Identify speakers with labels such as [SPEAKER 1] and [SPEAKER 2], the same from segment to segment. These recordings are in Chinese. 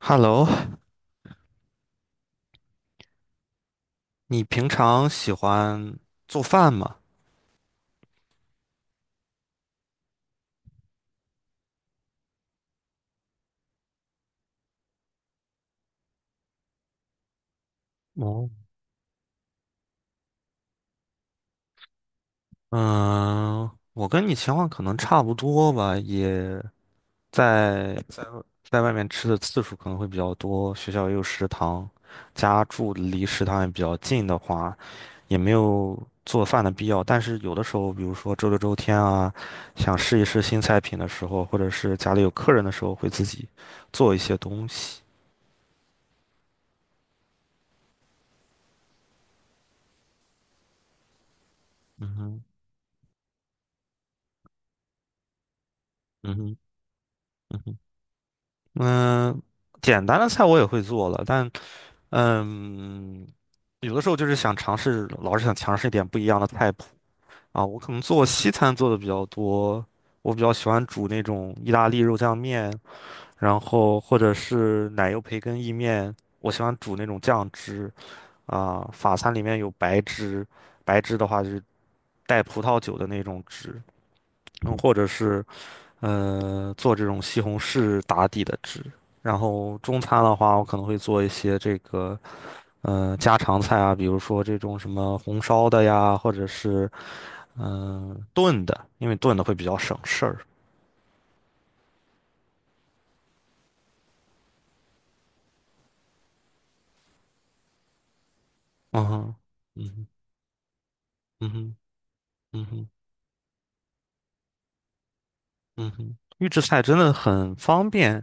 [SPEAKER 1] Hello，你平常喜欢做饭吗？哦，嗯，我跟你情况可能差不多吧，也在在在外面吃的次数可能会比较多，学校也有食堂，家住离食堂也比较近的话，也没有做饭的必要。但是有的时候，比如说周六周天啊，想试一试新菜品的时候，或者是家里有客人的时候，会自己做一些东西。嗯哼，嗯哼。嗯，简单的菜我也会做了，但嗯，有的时候就是想尝试，老是想尝试一点不一样的菜谱啊。我可能做西餐做的比较多，我比较喜欢煮那种意大利肉酱面，然后或者是奶油培根意面，我喜欢煮那种酱汁啊。法餐里面有白汁，白汁的话就是带葡萄酒的那种汁，或者是。做这种西红柿打底的汁。然后中餐的话，我可能会做一些这个家常菜啊，比如说这种什么红烧的呀，或者是炖的，因为炖的会比较省事儿。嗯哼，嗯哼，嗯哼，嗯哼，嗯哼，预制菜真的很方便。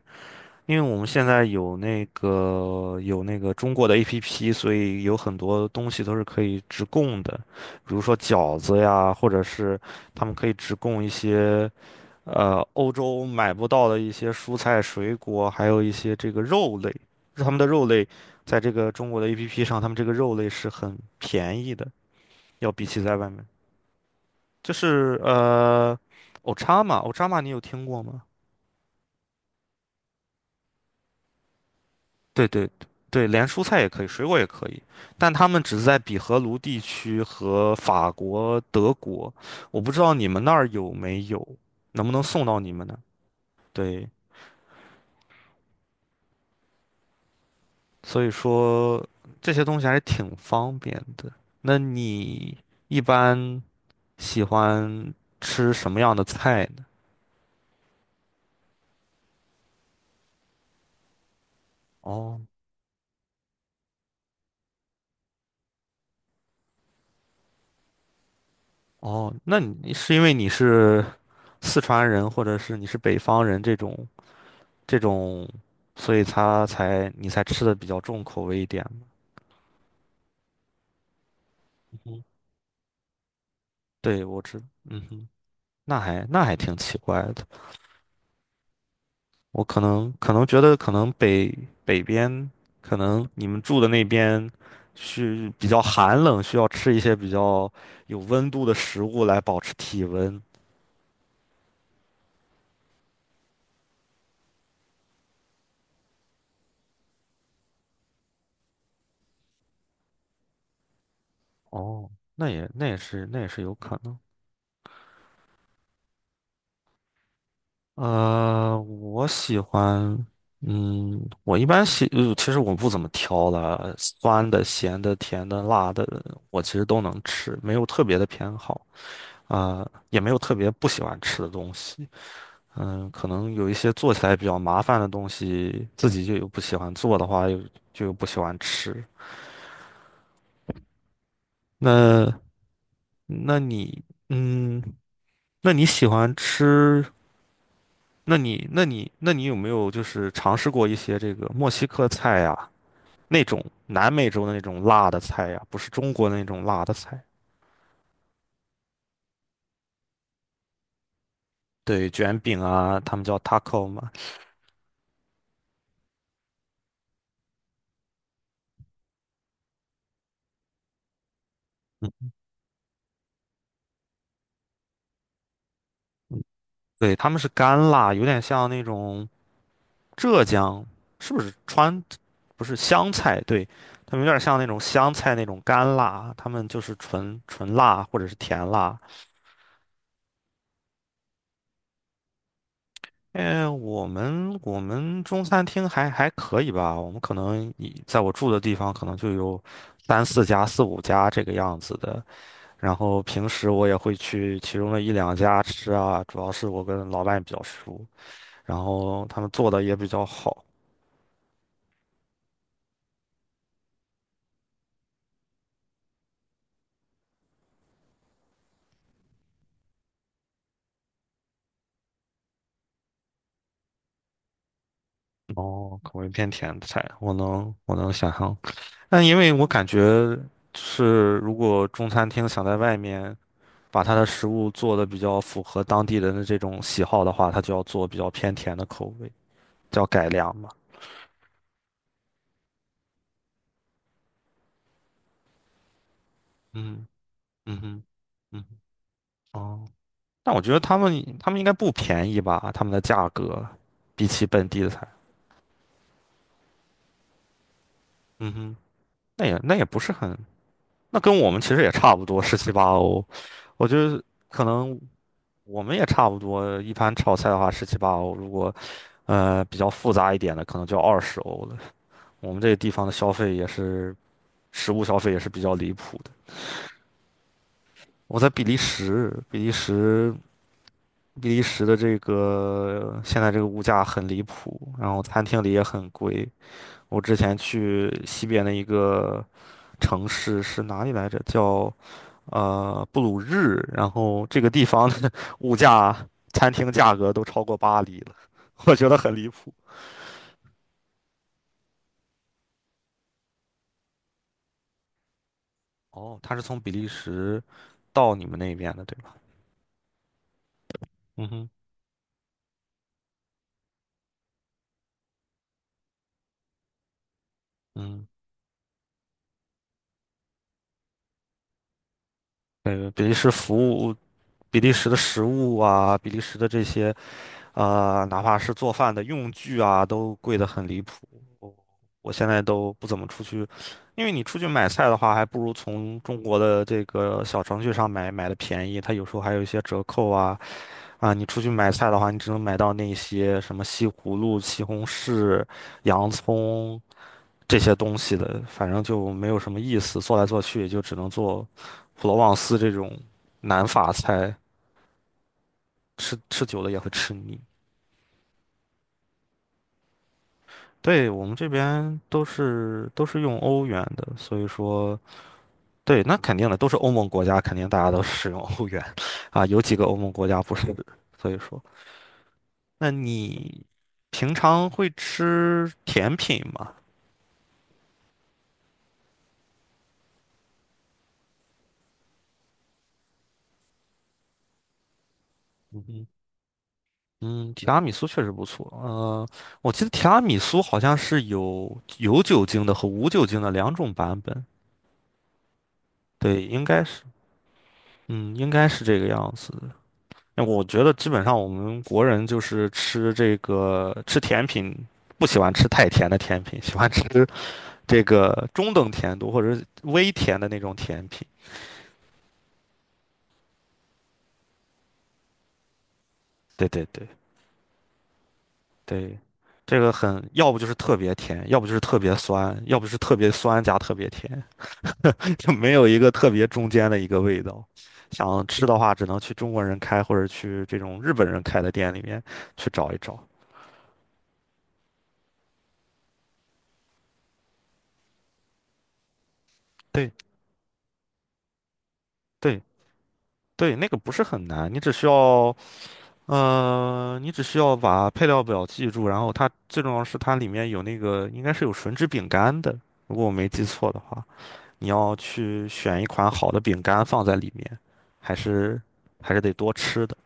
[SPEAKER 1] 因为我们现在有那个中国的 APP，所以有很多东西都是可以直供的，比如说饺子呀，或者是他们可以直供一些欧洲买不到的一些蔬菜、水果，还有一些这个肉类。他们的肉类在这个中国的 APP 上，他们这个肉类是很便宜的，要比起在外面。就是o c h a m a o c a m a 你有听过吗？对对对，连蔬菜也可以，水果也可以，但他们只是在比荷卢地区和法国、德国，我不知道你们那儿有没有，能不能送到你们那儿？对，所以说这些东西还是挺方便的。那你一般喜欢吃什么样的菜呢？哦哦，那你是因为你是四川人，或者是你是北方人这种这种，所以你才吃的比较重口味一点嘛。嗯，对，嗯哼，那还挺奇怪的。我可能觉得可能北边，可能你们住的那边是比较寒冷，需要吃一些比较有温度的食物来保持体温。哦，那也是有可能。我喜欢，我一般喜，其实我不怎么挑了，酸的、咸的、甜的、辣的，我其实都能吃，没有特别的偏好啊，也没有特别不喜欢吃的东西。嗯，可能有一些做起来比较麻烦的东西，自己就有不喜欢做的话，又就有不喜欢吃。那，那你，嗯，那你喜欢吃？那你有没有就是尝试过一些这个墨西哥菜呀？那种南美洲的那种辣的菜呀、不是中国的那种辣的菜。对，卷饼啊，他们叫 taco 嘛。嗯嗯对，他们是干辣，有点像那种浙江，是不是川？不是湘菜，对，他们有点像那种湘菜那种干辣，他们就是纯纯辣或者是甜辣。哎，我们中餐厅还可以吧，我们可能以在我住的地方可能就有三四家、四五家这个样子的。然后平时我也会去其中的一两家吃啊，主要是我跟老板比较熟，然后他们做的也比较好，哦，口味偏甜的菜，我能想象。但因为我感觉是，如果中餐厅想在外面把它的食物做的比较符合当地人的这种喜好的话，它就要做比较偏甜的口味，叫改良嘛。嗯嗯哼嗯哼哦，但我觉得他们应该不便宜吧，他们的价格比起本地的菜。嗯哼，那也不是很，那跟我们其实也差不多，十七八欧。我觉得可能我们也差不多，一盘炒菜的话十七八欧，如果比较复杂一点的，可能就二十欧了。我们这个地方的消费也是，食物消费也是比较离谱的。我在比利时，比利时的这个现在这个物价很离谱，然后餐厅里也很贵。我之前去西边的一个城市是哪里来着？叫布鲁日，然后这个地方的 物价、餐厅价格都超过巴黎了，我觉得很离谱。哦，他是从比利时到你们那边的，对吧？嗯哼，嗯，呃，比利时服务，比利时的食物啊，比利时的这些，哪怕是做饭的用具啊，都贵得很离谱。我我现在都不怎么出去，因为你出去买菜的话，还不如从中国的这个小程序上买的便宜，它有时候还有一些折扣啊，你出去买菜的话，你只能买到那些什么西葫芦、西红柿、洋葱这些东西的，反正就没有什么意思。做来做去也就只能做普罗旺斯这种南法菜，吃吃久了也会吃腻。对，我们这边都是用欧元的，所以说对，那肯定的，都是欧盟国家，肯定大家都使用欧元啊，有几个欧盟国家不是，所以说，那你平常会吃甜品吗？嗯，提拉米苏确实不错。我记得提拉米苏好像是有酒精的和无酒精的两种版本。对，应该是，嗯，应该是这个样子的。那我觉得基本上我们国人就是吃这个吃甜品，不喜欢吃太甜的甜品，喜欢吃这个中等甜度或者是微甜的那种甜品。对对对对，这个很，要不就是特别甜，要不就是特别酸，要不是特别酸加特别甜。就没有一个特别中间的一个味道。想吃的话，只能去中国人开或者去这种日本人开的店里面去找一找。对对对，那个不是很难，你只需要把配料表记住，然后它最重要是它里面有那个应该是有吮指饼干的，如果我没记错的话，你要去选一款好的饼干放在里面，还是还是得多吃的。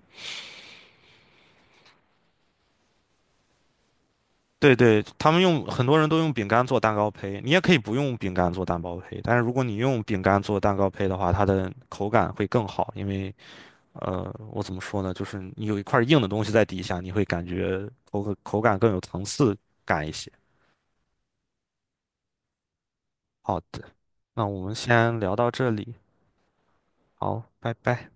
[SPEAKER 1] 对对，他们用很多人都用饼干做蛋糕胚，你也可以不用饼干做蛋糕胚，但是如果你用饼干做蛋糕胚的话，它的口感会更好，因为我怎么说呢，就是你有一块硬的东西在底下，你会感觉口感更有层次感一些。好的，那我们先聊到这里，好，拜拜。